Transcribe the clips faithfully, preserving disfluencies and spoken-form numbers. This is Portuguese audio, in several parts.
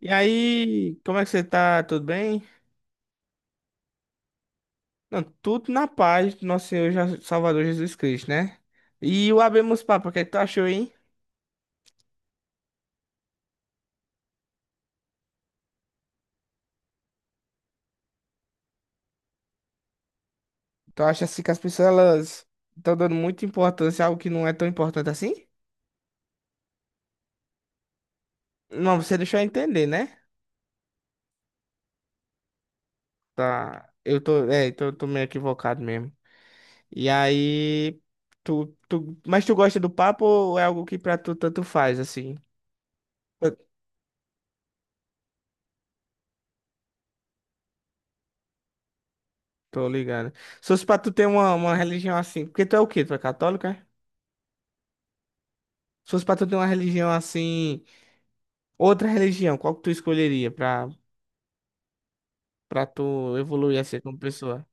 E aí, como é que você tá? Tudo bem? Não, tudo na paz do nosso Senhor Jesus- Salvador Jesus Cristo, né? E o abemos papo, o que é que tu achou, hein? Tu acha assim que as pessoas elas estão dando muita importância a algo que não é tão importante assim? Não, você deixou eu entender, né? Tá. Eu tô, é, então eu tô meio equivocado mesmo. E aí, tu, tu, mas tu gosta do papo ou é algo que pra tu tanto faz, assim? Eu tô ligado. Se fosse pra tu ter uma, uma religião assim, porque tu é o quê? Tu é católico, é? Se fosse pra tu ter uma religião assim, outra religião, qual que tu escolheria pra, pra tu evoluir assim como pessoa?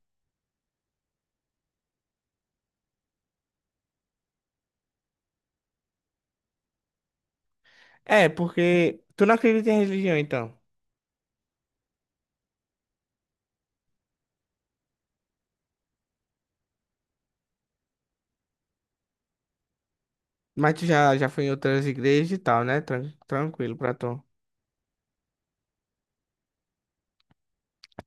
É, porque tu não acredita em religião, então. Mas tu já, já foi em outras igrejas e tal, né? Tran- tranquilo pra tu.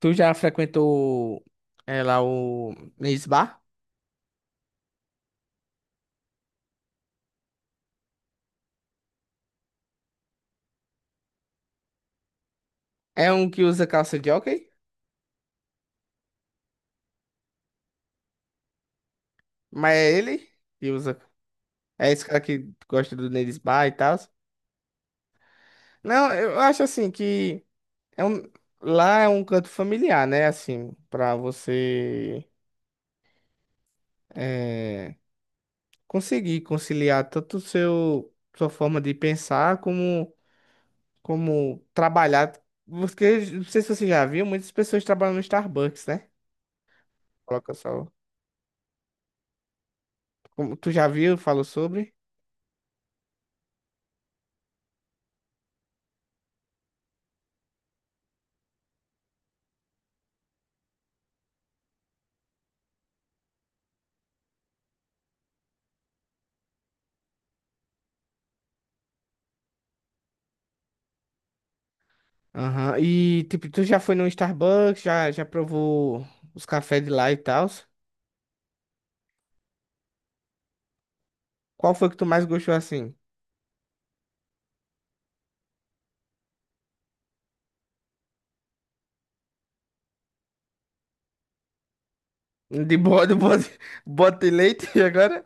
Tu já frequentou é, lá o Misbah? É um que usa calça de hóquei? Mas é ele que usa. É esse cara que gosta do Nerisbar e tal. Não, eu acho assim que é um, lá é um canto familiar, né? Assim, pra você eh, conseguir conciliar tanto o seu sua forma de pensar como como trabalhar. Porque não sei se você já viu, muitas pessoas trabalham no Starbucks, né? Coloca só. Como tu já viu, falou sobre. Aham. E tipo, tu já foi no Starbucks, já já provou os cafés de lá e tal. Qual foi que tu mais gostou assim? De bode, bode, bode de leite agora?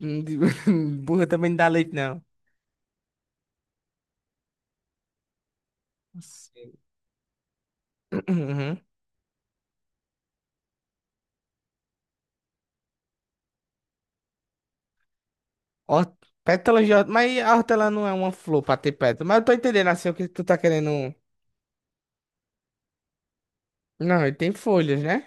Hum, De- Burra também não dá leite, não. Sim. Ó, pétalas de hortelã. Mas a hortelã não é uma flor pra ter pétalas. Mas eu tô entendendo assim o que tu tá querendo. Não, ele tem folhas, né?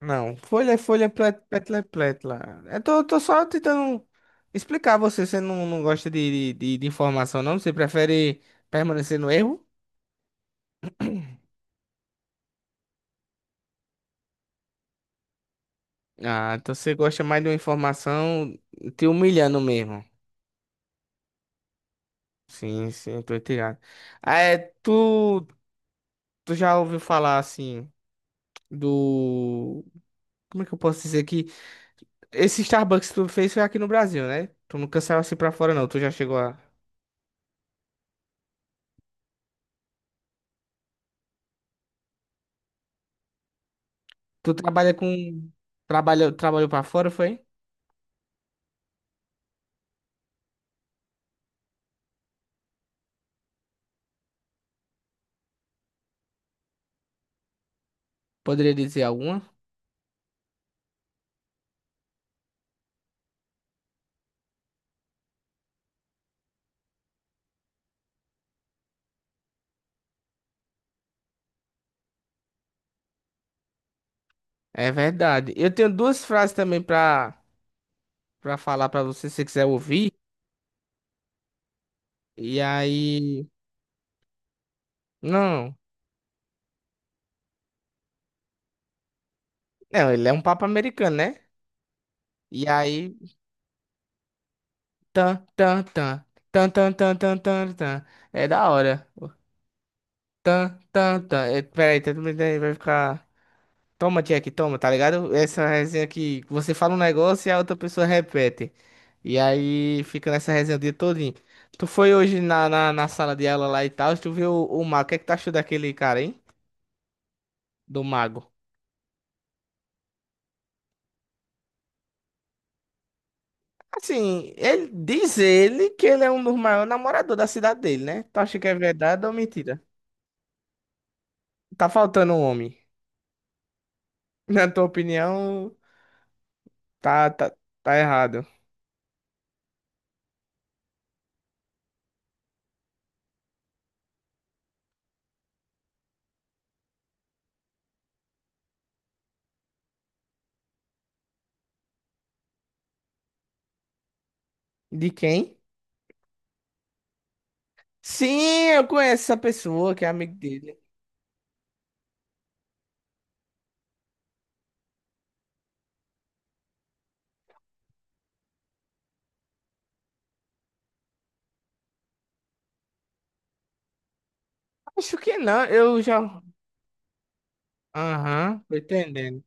Não, folha é folha, plé- pétala é pétala. Eu tô, tô só tentando explicar a você. Você não, não gosta de, de, de informação, não? Você prefere permanecer no erro? Ah, então você gosta mais de uma informação te humilhando mesmo. Sim, sim, tô entendendo. Ah, É, tu, tu já ouviu falar assim do. Como é que eu posso dizer aqui? Esse Starbucks que tu fez foi aqui no Brasil, né? Tu não saiu assim pra fora, não. Tu já chegou a. Tu trabalha com. Trabalhou, trabalhou pra fora, foi? Poderia dizer alguma? É verdade. Eu tenho duas frases também pra, pra falar pra você, se você quiser ouvir. E aí. Não. Não, ele é um papo americano, né? E aí. Tan, tan, tan. Tan, tan, tan, tan, tan, tan. É da hora. Tan, tan, tan. É, peraí, tá tudo bem, vai ficar. Toma, Jack, toma, tá ligado? Essa resenha que você fala um negócio e a outra pessoa repete. E aí fica nessa resenha o dia todinho. Tu foi hoje na, na, na sala de aula lá e tal, tu viu o, o mago. O que é que tu achou daquele cara, hein? Do mago. Assim, ele diz ele que ele é um dos maiores namoradores da cidade dele, né? Tu acha que é verdade ou mentira? Tá faltando um homem. Na tua opinião, tá, tá, tá errado. De quem? Sim, eu conheço essa pessoa que é amigo dele. Acho que não, eu já. Aham, tô entendendo.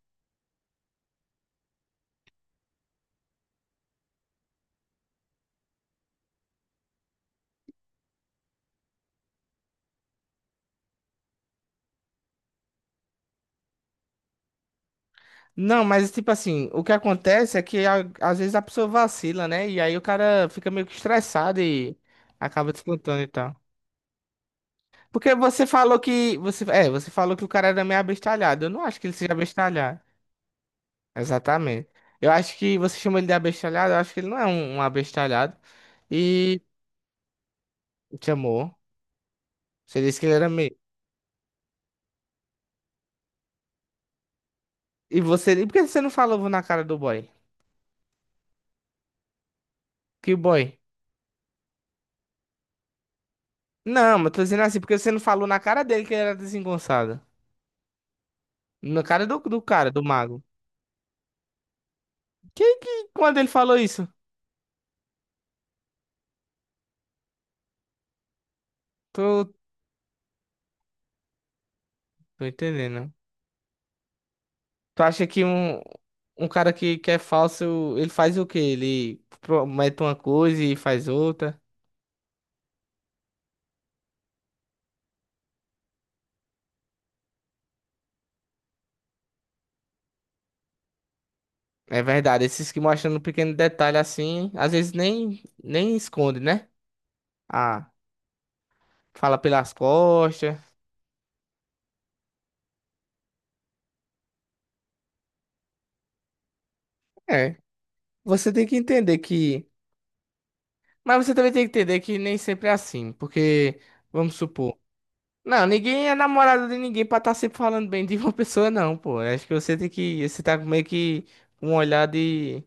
Não, mas tipo assim, o que acontece é que a- às vezes a pessoa vacila, né? E aí o cara fica meio que estressado e acaba descontando e tal. Porque você falou que. Você, é, você falou que o cara era meio abestalhado. Eu não acho que ele seja abestalhado. Exatamente. Eu acho que você chama ele de abestalhado, eu acho que ele não é um, um abestalhado. E chamou. Você disse que ele era meio. E você. E por que você não falou na cara do boy? Que boy? Não, mas tô dizendo assim, porque você não falou na cara dele que ele era desengonçado. Na cara do, do cara, do mago. Quem que, quando ele falou isso? Tô, tô entendendo. Tu acha que um, um cara que, que é falso, ele faz o quê? Ele promete uma coisa e faz outra. É verdade, esses que mostram um pequeno detalhe assim, às vezes nem, nem esconde, né? Ah, fala pelas costas. É, você tem que entender que. Mas você também tem que entender que nem sempre é assim, porque, vamos supor. Não, ninguém é namorado de ninguém pra estar tá sempre falando bem de uma pessoa, não, pô. Acho que você tem que. Você tá meio que com um olhar de.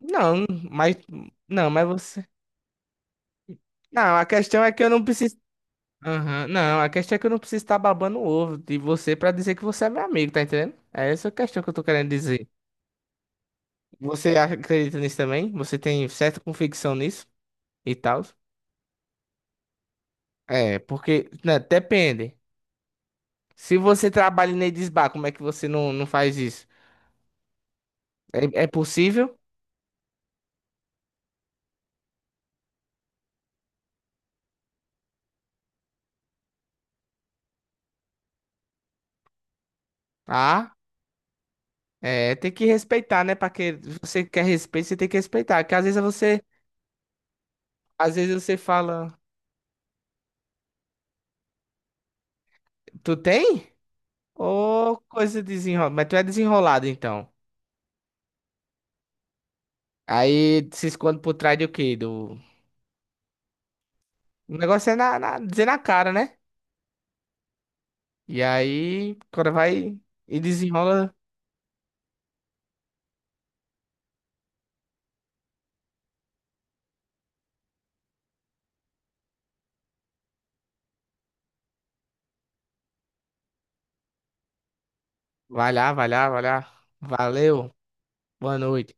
Não, mas. Não, mas você. Não, a questão é que eu não preciso. Aham, não, a questão é que eu não preciso estar babando o ovo de você pra dizer que você é meu amigo, tá entendendo? É essa a questão que eu tô querendo dizer. Você acha- acredita nisso também? Você tem certa convicção nisso e tal? É, porque. Né, depende. Se você trabalha em Edisbar, como é que você não, não faz isso? É, é possível? Ah. É, tem que respeitar, né? Pra que você quer respeito, você tem que respeitar. Porque às vezes você, às vezes você fala, tu tem? Ô, coisa desenrolada. Mas tu é desenrolado, então. Aí se esconde por trás do quê? Do... O negócio é na, na- dizer na cara, né? E aí, quando vai e desenrola, vai lá, vai lá, vai lá. Valeu, boa noite.